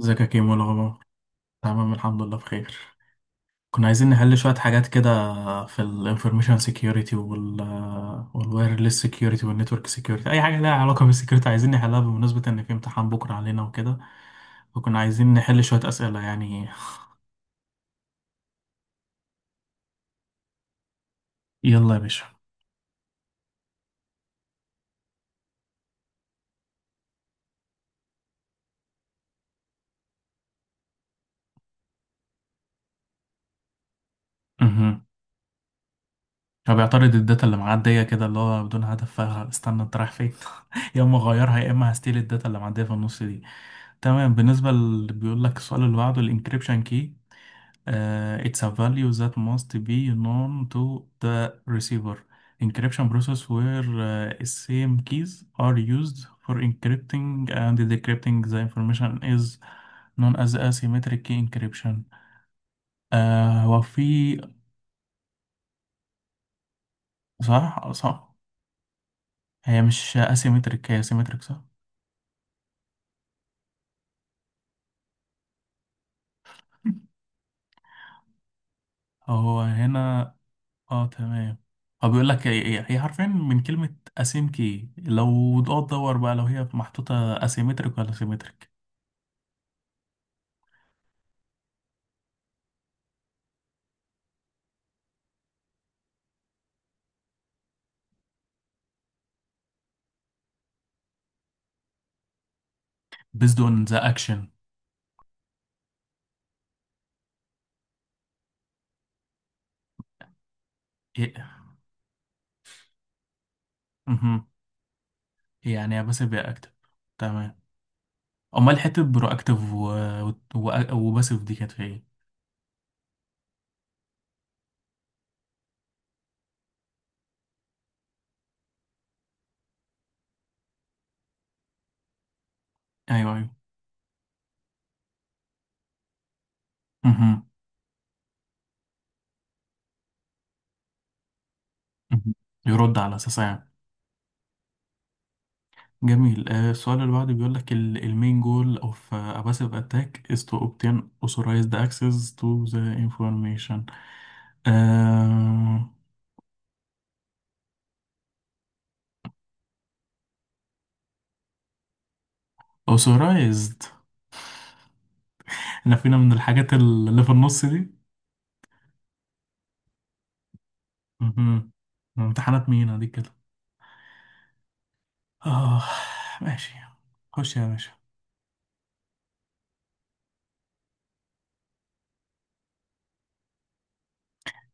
ازيك يا كيمو، إيه الاخبار؟ تمام الحمد لله بخير. كنا عايزين نحل شوية حاجات كده في الانفورميشن سيكيورتي والوايرلس سيكيورتي والنتورك سيكيورتي، اي حاجة لها علاقة بالسيكيورتي عايزين نحلها بمناسبة ان في امتحان بكرة علينا وكده. وكنا عايزين نحل شوية اسئلة يعني. يلا يا باشا. امم هو بيعترض الداتا اللي معدية كده، اللي هو بدون هدف، فاستنى انت رايح فين؟ يا اما اغيرها يا اما هستيل الداتا اللي معدية في النص دي. تمام. بالنسبة اللي بيقول لك السؤال اللي بعده، الانكريبشن كي: it's a value that must be known to the receiver. Encryption process where same keys are used for encrypting and decrypting the information is known as asymmetric key encryption. هو في. صح صح. هي مش asymmetric، هي symmetric، صح. هو هنا. اه تمام. هو بيقول لك هي حرفيا من كلمة asym key، لو تقعد تدور بقى لو هي محطوطة asymmetric ولا symmetric. Based on the action. إيه. مهم. إيه، يعني يا باسيف يا اكتف. تمام. امال حته برواكتيف وباسيف دي كانت في ايه؟ ايوه ايوه. مهم. مهم. يرد على اساسها يعني. جميل. السؤال اللي بعده بيقول لك المين جول اوف باسيف اتاك از تو اوبتين authorized access to the information. آه... authorized. احنا فينا من الحاجات اللي في النص دي. مهم. امتحانات مين دي كده؟ اه. ماشي. خش يا باشا.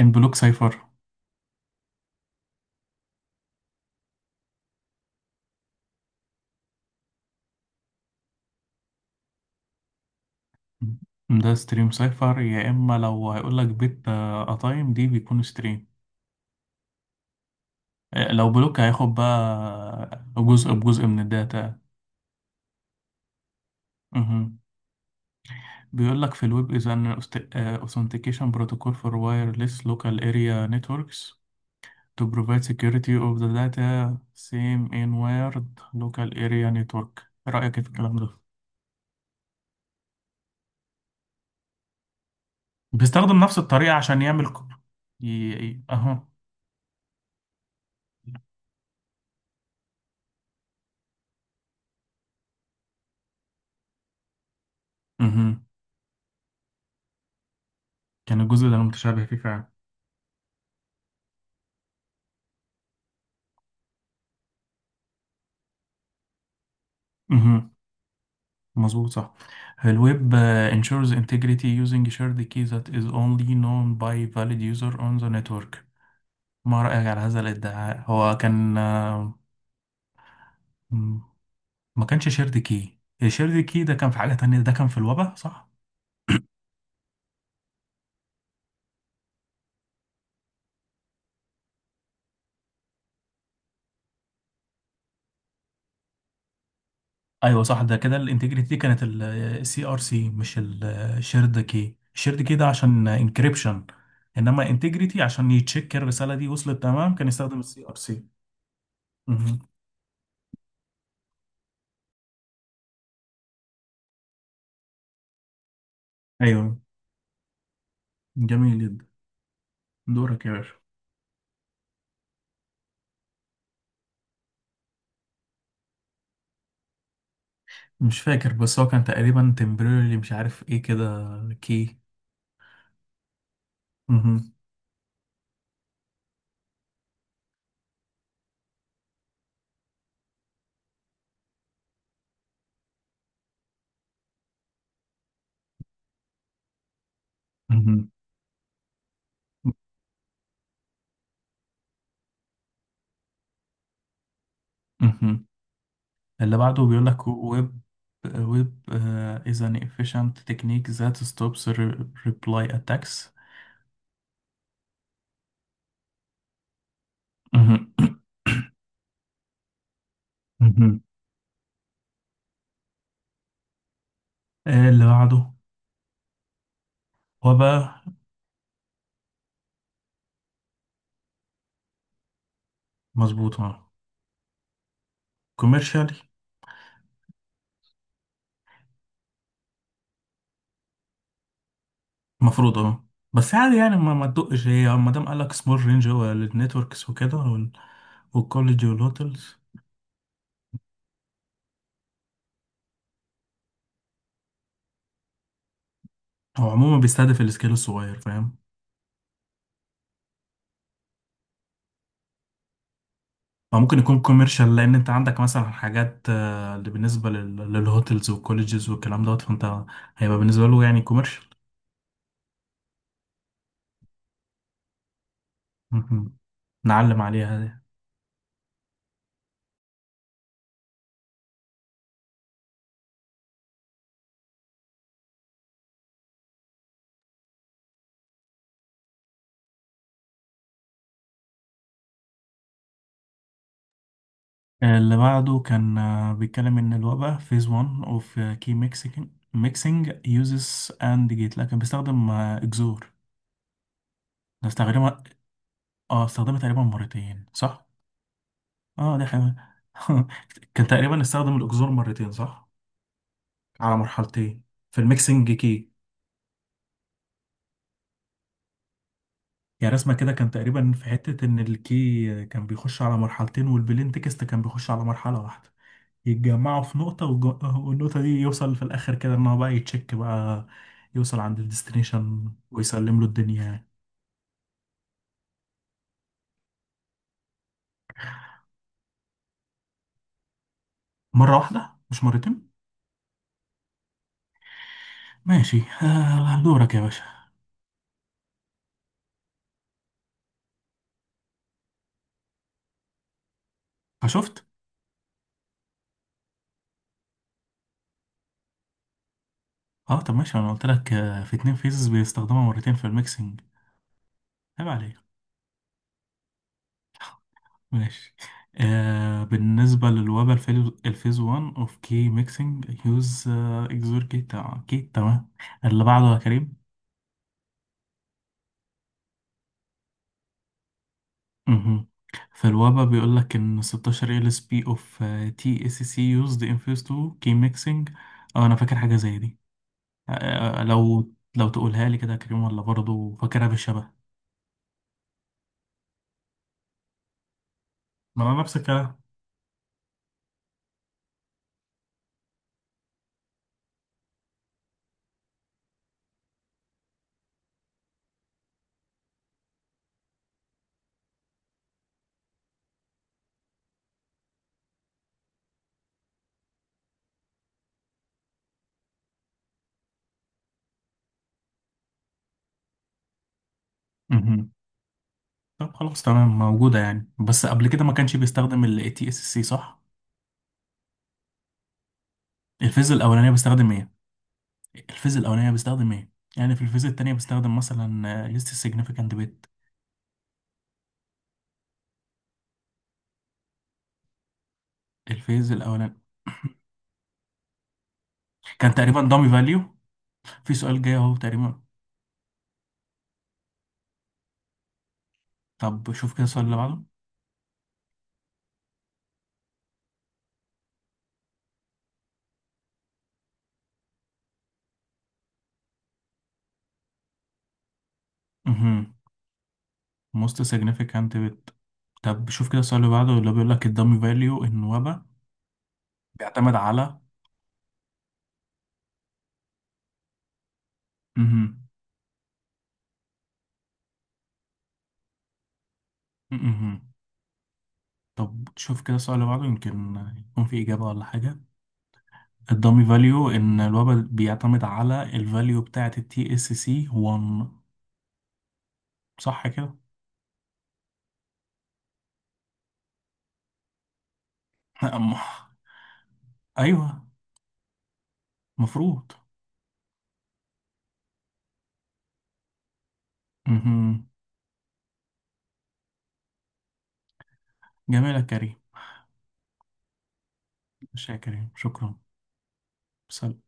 ان بلوك سايفر؟ ده ستريم سايفر، يا اما لو هيقول لك بيت قطايم دي بيكون ستريم. لو بلوك هياخد بقى جزء بجزء من الداتا. مهم. بيقول لك في الويب is an aust- آه، authentication protocol for wireless local area networks to provide security of the data same in wired local area network. ايه رأيك إيه في الكلام ده؟ بيستخدم نفس الطريقة عشان يعمل ي... اهو. مهم. كان الجزء ده متشابه فيه فعلا. مظبوط صح. الويب ensures integrity using shared key that is only known by valid user on the network. ما رأيك على هذا الادعاء؟ هو كان، م- ما كانش شيرد كي، الشيرد كي ده كان في حاجة تانية، ده كان في الوبا صح؟ ايوه صح، ده كده الانتجريتي دي كانت السي ار سي مش الشيرد كي، الشيرد كي ده عشان انكريبشن. انما انتجريتي عشان يتشيك الرسالة دي وصلت تمام كان يستخدم السي ار سي. ايوه. جميل جدا. دورك يا باشا. مش فاكر، بس هو كان تقريبا تمبريرلي مش عارف ايه كده كي. مهم. مهم. مهم. اللي بعده بيقول لك ويب. ويب is an efficient technique that stops reply attacks. مهم. مهم. اللي بعده وباء. مظبوط اه. كوميرشال. المفروض اه. بس عادي يعني ما تدقش هي، ما دام قال لك سمول رينج هو النتوركس وكده والكولج والهوتels. هو عموما بيستهدف السكيل الصغير فاهم. هو ممكن يكون كوميرشال، لان انت عندك مثلا حاجات، اللي بالنسبه للهوتels والكولleges والكلام دوت، فانت هيبقى بالنسبه له يعني كوميرشال. مهم. نعلم عليها دي. اللي بعده كان بيتكلم ان الوباء phase 1 of key mixing uses and gate. لا، كان بيستخدم اكزور. ده استخدمها. اه، استخدمها تقريبا مرتين صح. اه ده حلو. كان تقريبا استخدم الاكزور مرتين صح، على مرحلتين، في الميكسنج كي. يعني رسمة كده كان تقريبا في حتة إن الكي كان بيخش على مرحلتين والبلين تكست كان بيخش على مرحلة واحدة، يتجمعوا في نقطة والنقطة دي يوصل في الآخر كده إن هو بقى يتشيك بقى، يوصل عند الديستنيشن ويسلم له الدنيا يعني. مرة واحدة مش مرتين. ماشي. دورك يا باشا. فشفت. اه طب ماشي، انا قلت لك في اتنين فيزز بيستخدمها مرتين في الميكسنج. عيب عليك. ماشي. بالنسبة للوبا الفيز 1 اوف كي ميكسينج يوز اكزور كي تمام كي تمام. اللي بعده يا كريم. مهم. في الوبا بيقول لك ان 16 ال اس بي اوف تي اس سي يوزد ان فيز 2 كي ميكسينج. اه انا فاكر حاجة زي دي. لو تقولها لي كده يا كريم، ولا برضه فاكرها بالشبه. ما انا نفس الكلام. مهم. طب خلاص تمام موجودة يعني، بس قبل كده ما كانش بيستخدم ال تي اس سي صح؟ الفيز الأولانية بيستخدم إيه؟ الفيز الأولانية بستخدم إيه؟ يعني في الفيز التانية بستخدم مثلا ليست significant bit، الفيز الأولاني. كان تقريبا dummy value. في سؤال جاي أهو تقريبا. طب شوف كده السؤال اللي بعده. مهم. Most significant bit. طب شوف كده السؤال اللي بعده، اللي بيقول لك الدامي فاليو النوبة بيعتمد على. مهم. مهم. طب شوف كده السؤال اللي بعده، يمكن يكون في إجابة ولا حاجة. الدامي فاليو إن الوبا بيعتمد على الفاليو بتاعة التي اس سي 1، صح كده؟ أم- أيوه. مفروض. مهم. جميل يا كريم. ماشي يا كريم شكرا. سلام.